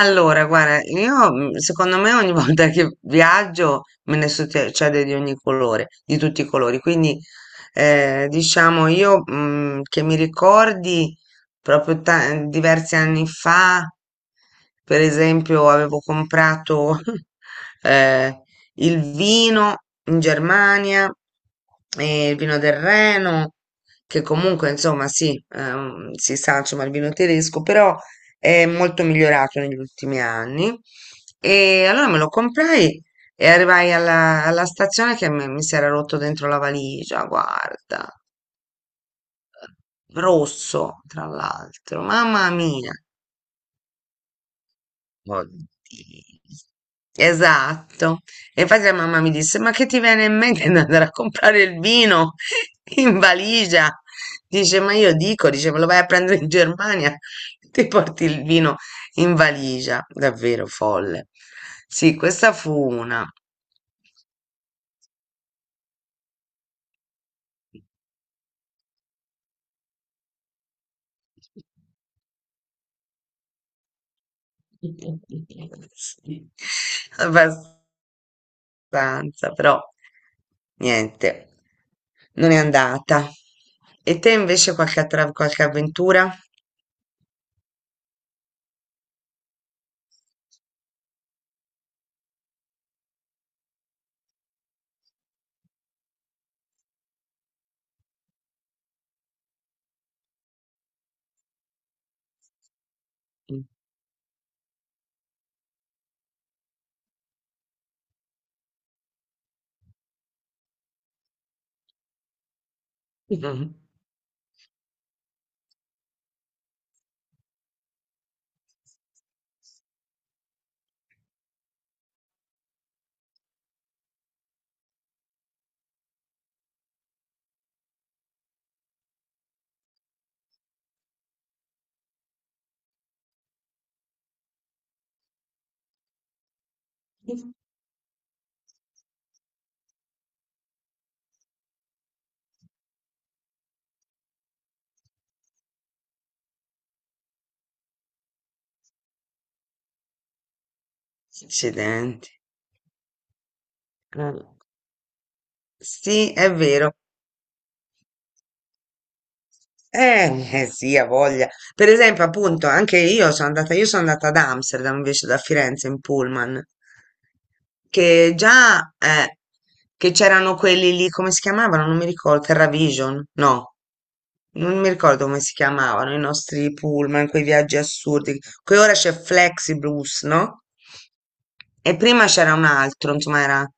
Allora, guarda, secondo me ogni volta che viaggio me ne succede di ogni colore, di tutti i colori. Quindi, diciamo, che mi ricordi proprio diversi anni fa, per esempio, avevo comprato eh, il vino in Germania, il vino del Reno, che comunque, insomma, sì, si sa, insomma, il vino tedesco, però è molto migliorato negli ultimi anni. E allora me lo comprai e arrivai alla stazione che mi si era rotto dentro la valigia, guarda, rosso tra l'altro, mamma mia. Oddio. Esatto. E infatti la mamma mi disse: ma che ti viene in mente di andare a comprare il vino in valigia? Dice: ma io dico, dice, me lo vai a prendere in Germania, ti porti il vino in valigia. Davvero folle. Sì, questa fu una. Sì, abbastanza, però niente, non è andata. E te invece qualche, qualche avventura? Mh-mh. Accidenti. Eh. Sì, è vero. Eh sì, ha voglia. Per esempio, appunto, anche io sono andata ad Amsterdam invece da Firenze in pullman. Che già che c'erano quelli lì, come si chiamavano? Non mi ricordo, TerraVision? No. Non mi ricordo come si chiamavano i nostri pullman, quei viaggi assurdi. Qui ora c'è Flexibus, no? E prima c'era un altro, insomma, era,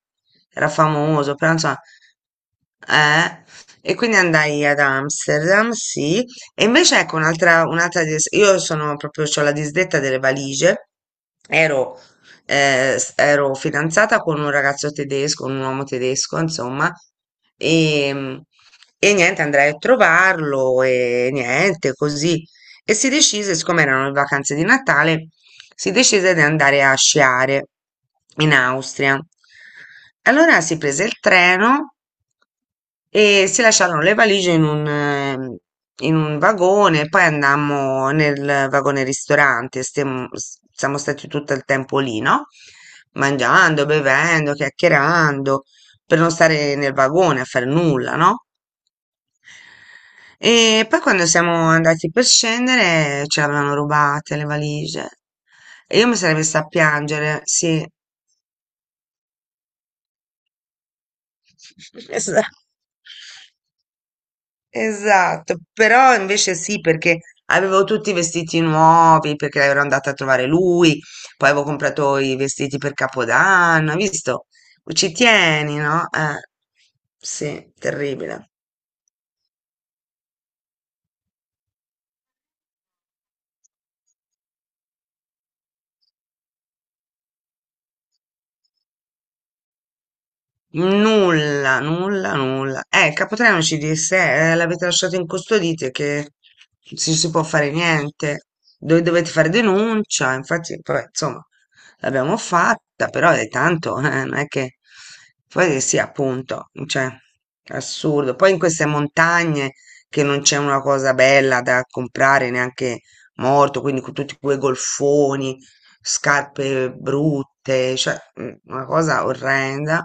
era famoso, però insomma, eh. E quindi andai ad Amsterdam, sì. E invece ecco un'altra, un'altra, io sono proprio, ho la disdetta delle valigie. Ero ero fidanzata con un ragazzo tedesco, un uomo tedesco, insomma, e, e niente, andrai a trovarlo e niente, così. E si decise, siccome erano le vacanze di Natale, si decise di andare a sciare in Austria. Allora si prese il treno e si lasciarono le valigie in un vagone, poi andammo nel vagone ristorante, siamo stati tutto il tempo lì, no? Mangiando, bevendo, chiacchierando, per non stare nel vagone a fare nulla, no? E poi quando siamo andati per scendere ce l'avevano rubate le valigie. E io mi sarei messa a piangere, sì. Esatto. Esatto, però invece sì, perché avevo tutti i vestiti nuovi, perché ero andata a trovare lui, poi avevo comprato i vestiti per Capodanno, hai visto? Ci tieni, no? Sì, terribile. Nulla, nulla, nulla. Il capotreno ci disse, l'avete lasciato incustodite che non si può fare niente, dove dovete fare denuncia, infatti, vabbè, insomma, l'abbiamo fatta, però è tanto, non è che... Poi sì, appunto, cioè, assurdo. Poi in queste montagne che non c'è una cosa bella da comprare neanche morto, quindi con tutti quei golfoni scarpe brutte, cioè, una cosa orrenda.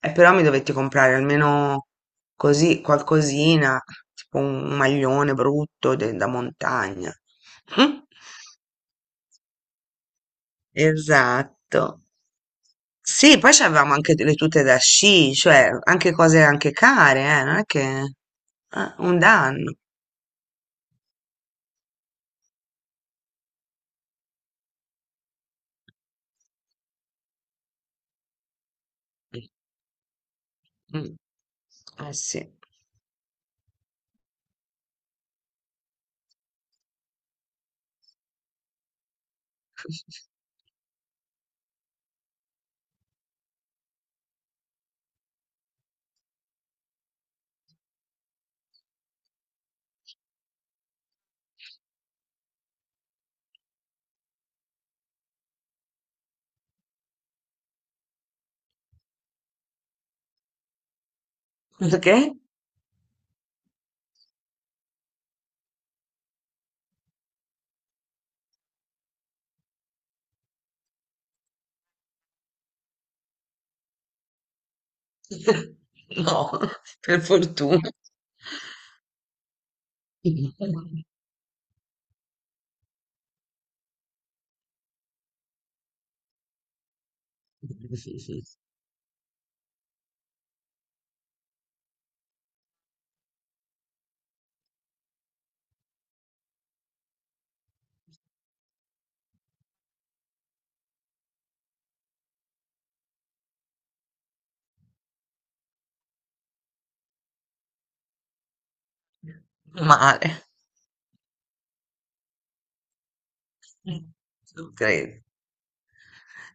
E però mi dovetti comprare almeno così qualcosina, tipo un maglione brutto da montagna. Esatto. Sì, poi avevamo anche le tute da sci, cioè anche cose anche care, non è che un danno. Mm. Eh sì. Perché? No, per fortuna. Male. Mh. Non credo.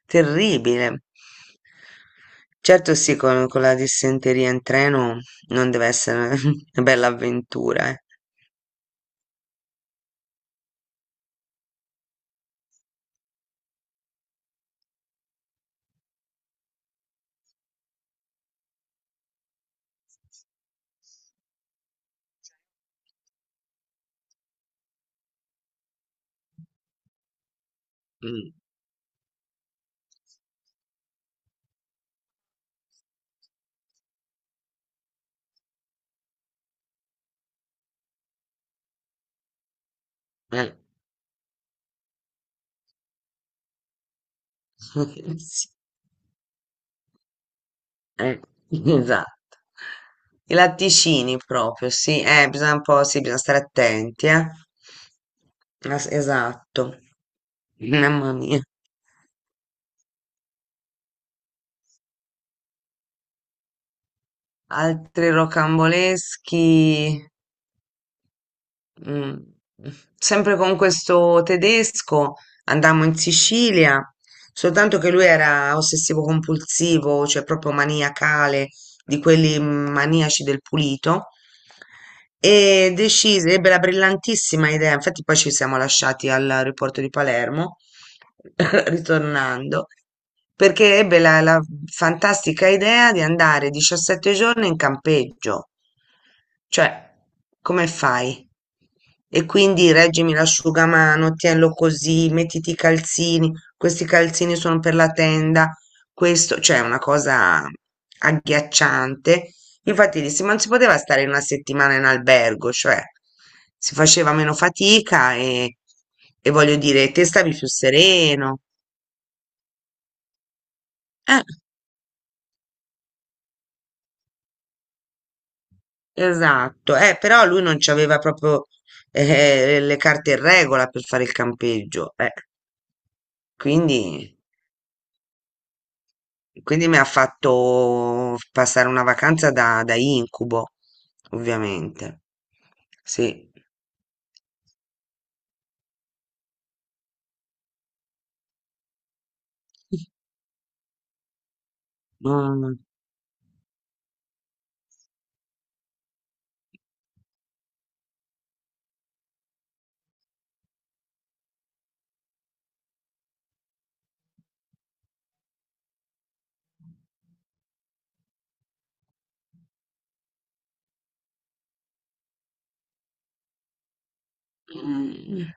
Terribile. Certo sì, con la dissenteria in treno non deve essere una bella avventura, eh. Mh, eh. Sì, eh, esatto. I latticini proprio, sì, bisogna un po' sì, bisogna stare attenti, eh. Es esatto. Mamma mia. Altri rocamboleschi. Mm. Sempre con questo tedesco andammo in Sicilia, soltanto che lui era ossessivo compulsivo, cioè proprio maniacale, di quelli maniaci del pulito, e decise, ebbe la brillantissima idea, infatti poi ci siamo lasciati all'aeroporto di Palermo, ritornando, perché ebbe la fantastica idea di andare 17 giorni in campeggio, cioè come fai? E quindi reggimi l'asciugamano, tienilo così, mettiti i calzini, questi calzini sono per la tenda, questo cioè è una cosa agghiacciante. Infatti dissi: "Ma non si poteva stare una settimana in albergo, cioè si faceva meno fatica e voglio dire te stavi più sereno". Eh, esatto. Però lui non c'aveva proprio, le carte in regola per fare il campeggio, eh. Quindi quindi mi ha fatto passare una vacanza da incubo, ovviamente. Sì. Mh. Mh,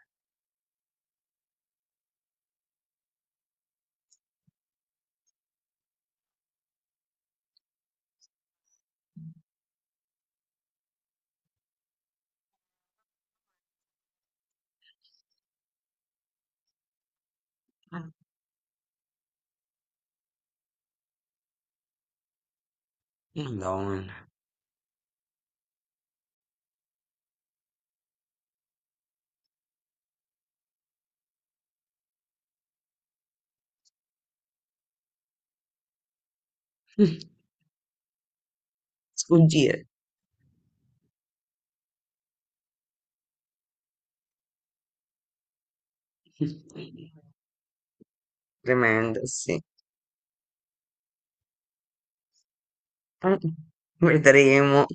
eh, madonna. Sfuggire. Tremendo, sì. Eh, vedremo.